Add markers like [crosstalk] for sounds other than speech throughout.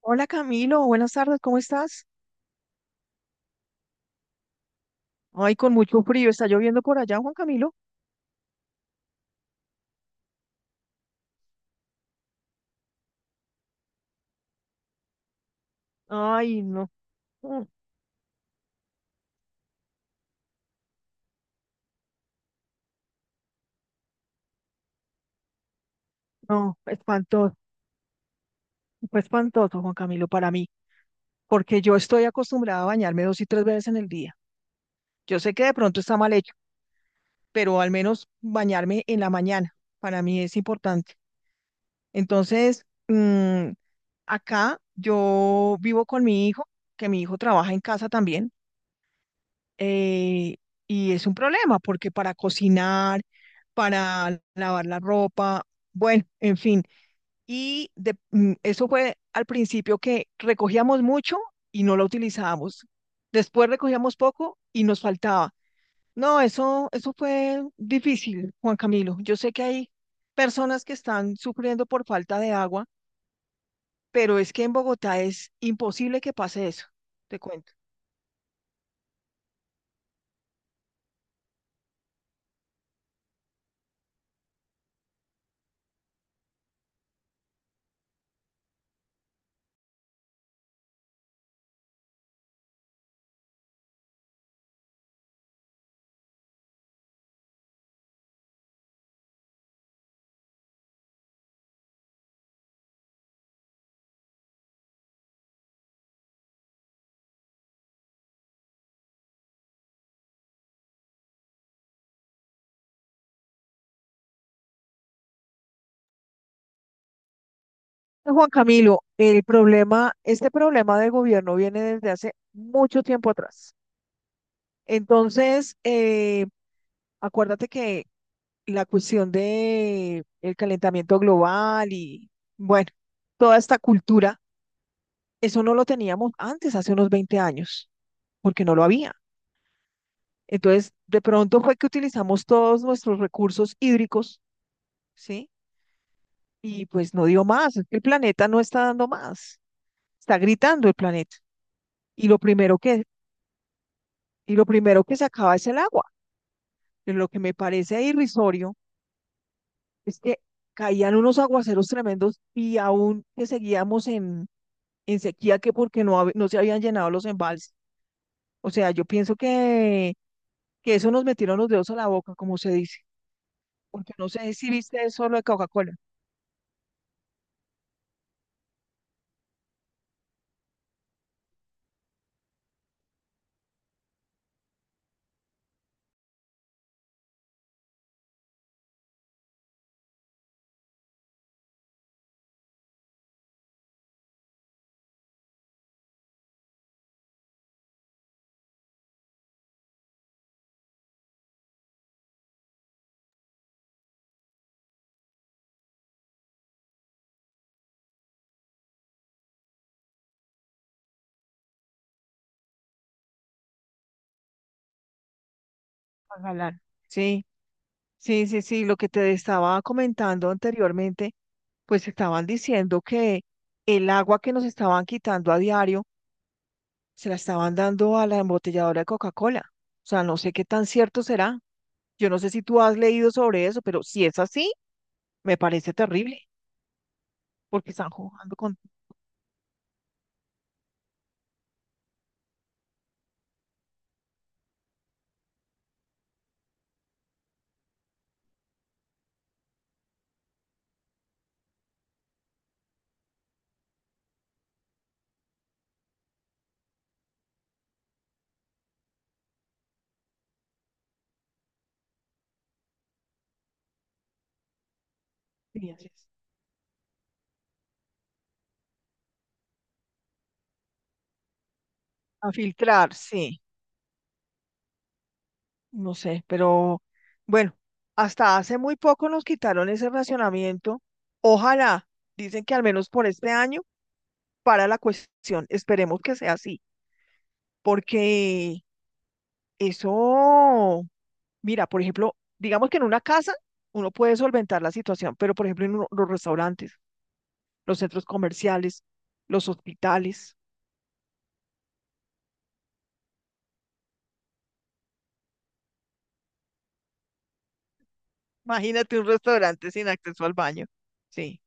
Hola Camilo, buenas tardes, ¿cómo estás? Ay, con mucho frío, ¿está lloviendo por allá, Juan Camilo? Ay, no, mm, no, espantoso, fue espantoso, Juan Camilo, para mí, porque yo estoy acostumbrada a bañarme dos y tres veces en el día. Yo sé que de pronto está mal hecho, pero al menos bañarme en la mañana, para mí es importante. Entonces, acá yo vivo con mi hijo, que mi hijo trabaja en casa también. eh, y es un problema porque para cocinar, para lavar la ropa, bueno, en fin. Eso fue al principio que recogíamos mucho y no lo utilizábamos. Después recogíamos poco y nos faltaba. No, eso fue difícil, Juan Camilo. Yo sé que hay personas que están sufriendo por falta de agua, pero es que en Bogotá es imposible que pase eso. Te cuento. Juan Camilo, este problema de gobierno viene desde hace mucho tiempo atrás. Entonces, acuérdate que la cuestión de el calentamiento global y, bueno, toda esta cultura, eso no lo teníamos antes, hace unos 20 años, porque no lo había. Entonces, de pronto fue que utilizamos todos nuestros recursos hídricos, ¿sí? Y pues no dio más, es que el planeta no está dando más, está gritando el planeta. Y lo primero que y lo primero que sacaba es el agua. Y lo que me parece irrisorio es que caían unos aguaceros tremendos y aún que seguíamos en sequía que porque no se habían llenado los embalses. O sea, que eso nos metieron los dedos a la boca, como se dice, porque no sé si viste eso lo de Coca-Cola. Galán. Sí, sí, sí, sí, lo que te estaba comentando anteriormente, pues estaban diciendo que el agua que nos estaban quitando a diario se la estaban dando a la embotelladora de Coca-Cola. O sea, no sé qué tan cierto será. Yo no sé si tú has leído sobre eso, pero si es así, me parece terrible, porque están jugando con experiencias. A filtrar, sí, no sé, pero bueno, hasta hace muy poco nos quitaron ese racionamiento. Ojalá, dicen que al menos por este año, para la cuestión, esperemos que sea así, porque eso, mira, por ejemplo, digamos que en una casa uno puede solventar la situación, pero por ejemplo en los restaurantes, los centros comerciales, los hospitales. Imagínate un restaurante sin acceso al baño. Sí,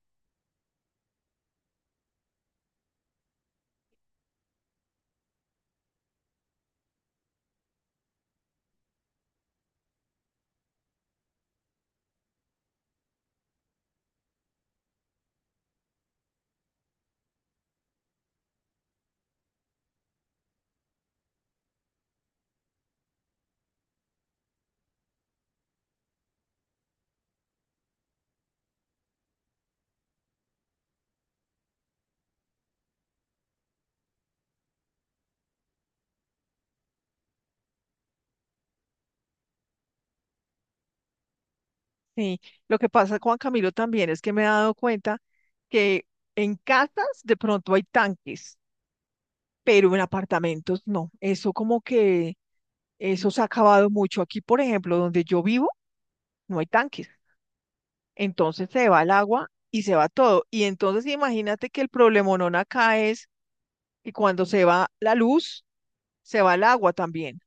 sí. Lo que pasa, Juan Camilo, también es que me he dado cuenta que en casas de pronto hay tanques, pero en apartamentos no. Eso como que eso se ha acabado mucho. Aquí, por ejemplo, donde yo vivo, no hay tanques. Entonces se va el agua y se va todo. Y entonces imagínate que el problemonón acá es que cuando se va la luz, se va el agua también,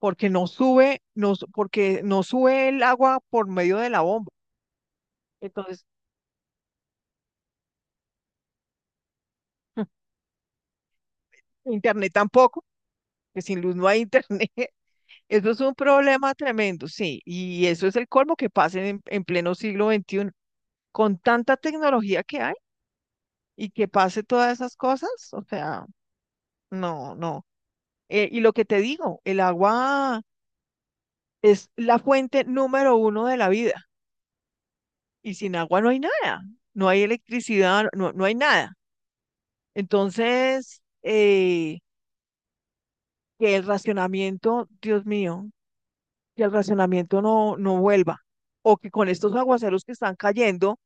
porque no sube, no, su- porque no sube el agua por medio de la bomba. Entonces, [laughs] internet tampoco, que sin luz no hay internet. [laughs] Eso es un problema tremendo, sí. Y eso es el colmo que pase en pleno siglo XXI, con tanta tecnología que hay y que pase todas esas cosas. O sea, no, no. Y lo que te digo, el agua es la fuente número 1 de la vida. Y sin agua no hay nada, no hay electricidad, no hay nada. Entonces, que el racionamiento, Dios mío, que el racionamiento no, no vuelva. O que con estos aguaceros que están cayendo,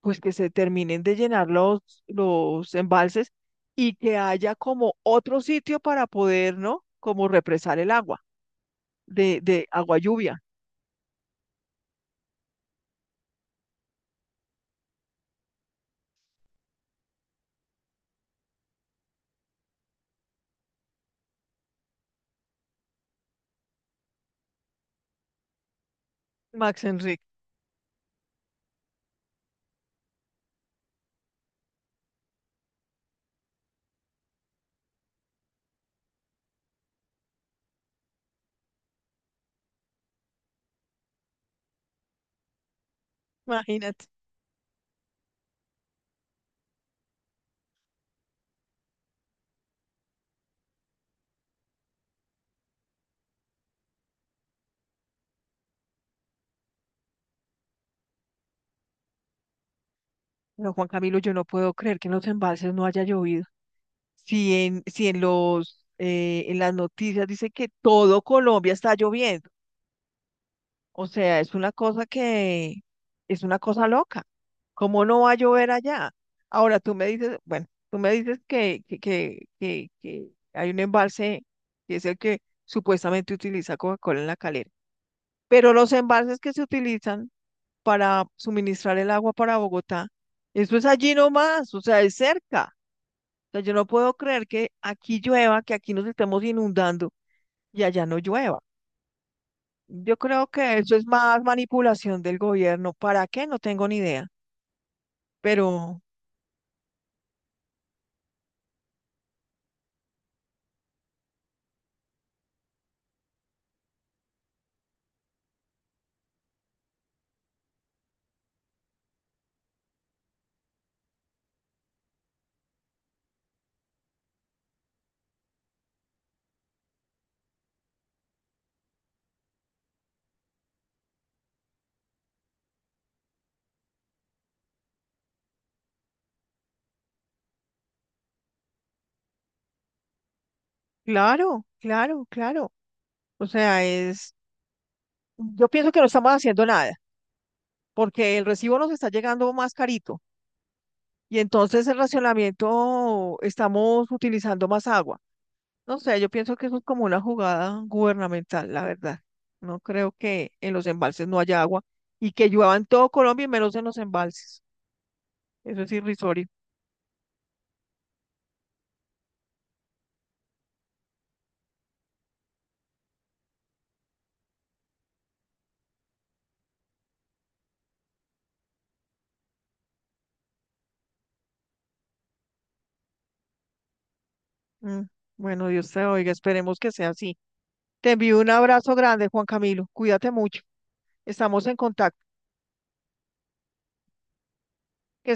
pues que se terminen de llenar los embalses y que haya como otro sitio para poder, ¿no? Como represar el agua de agua lluvia. Max Enrique, imagínate. No, Juan Camilo, yo no puedo creer que en los embalses no haya llovido. Si en los, en las noticias dice que todo Colombia está lloviendo. O sea, es una cosa loca. ¿Cómo no va a llover allá? Ahora tú me dices, bueno, tú me dices que, que hay un embalse que es el que supuestamente utiliza Coca-Cola en la calera. Pero los embalses que se utilizan para suministrar el agua para Bogotá, eso es allí nomás, o sea, es cerca. Sea, yo no puedo creer que aquí llueva, que aquí nos estemos inundando y allá no llueva. Yo creo que eso es más manipulación del gobierno. ¿Para qué? No tengo ni idea. Pero claro, claro, claro. O sea, es, yo pienso que no estamos haciendo nada, porque el recibo nos está llegando más carito y entonces el racionamiento estamos utilizando más agua. No sé, yo pienso que eso es como una jugada gubernamental, la verdad. No creo que en los embalses no haya agua y que llueva en todo Colombia y menos en los embalses. Eso es irrisorio. Mm, bueno, Dios te oiga, esperemos que sea así. Te envío un abrazo grande, Juan Camilo. Cuídate mucho. Estamos en contacto.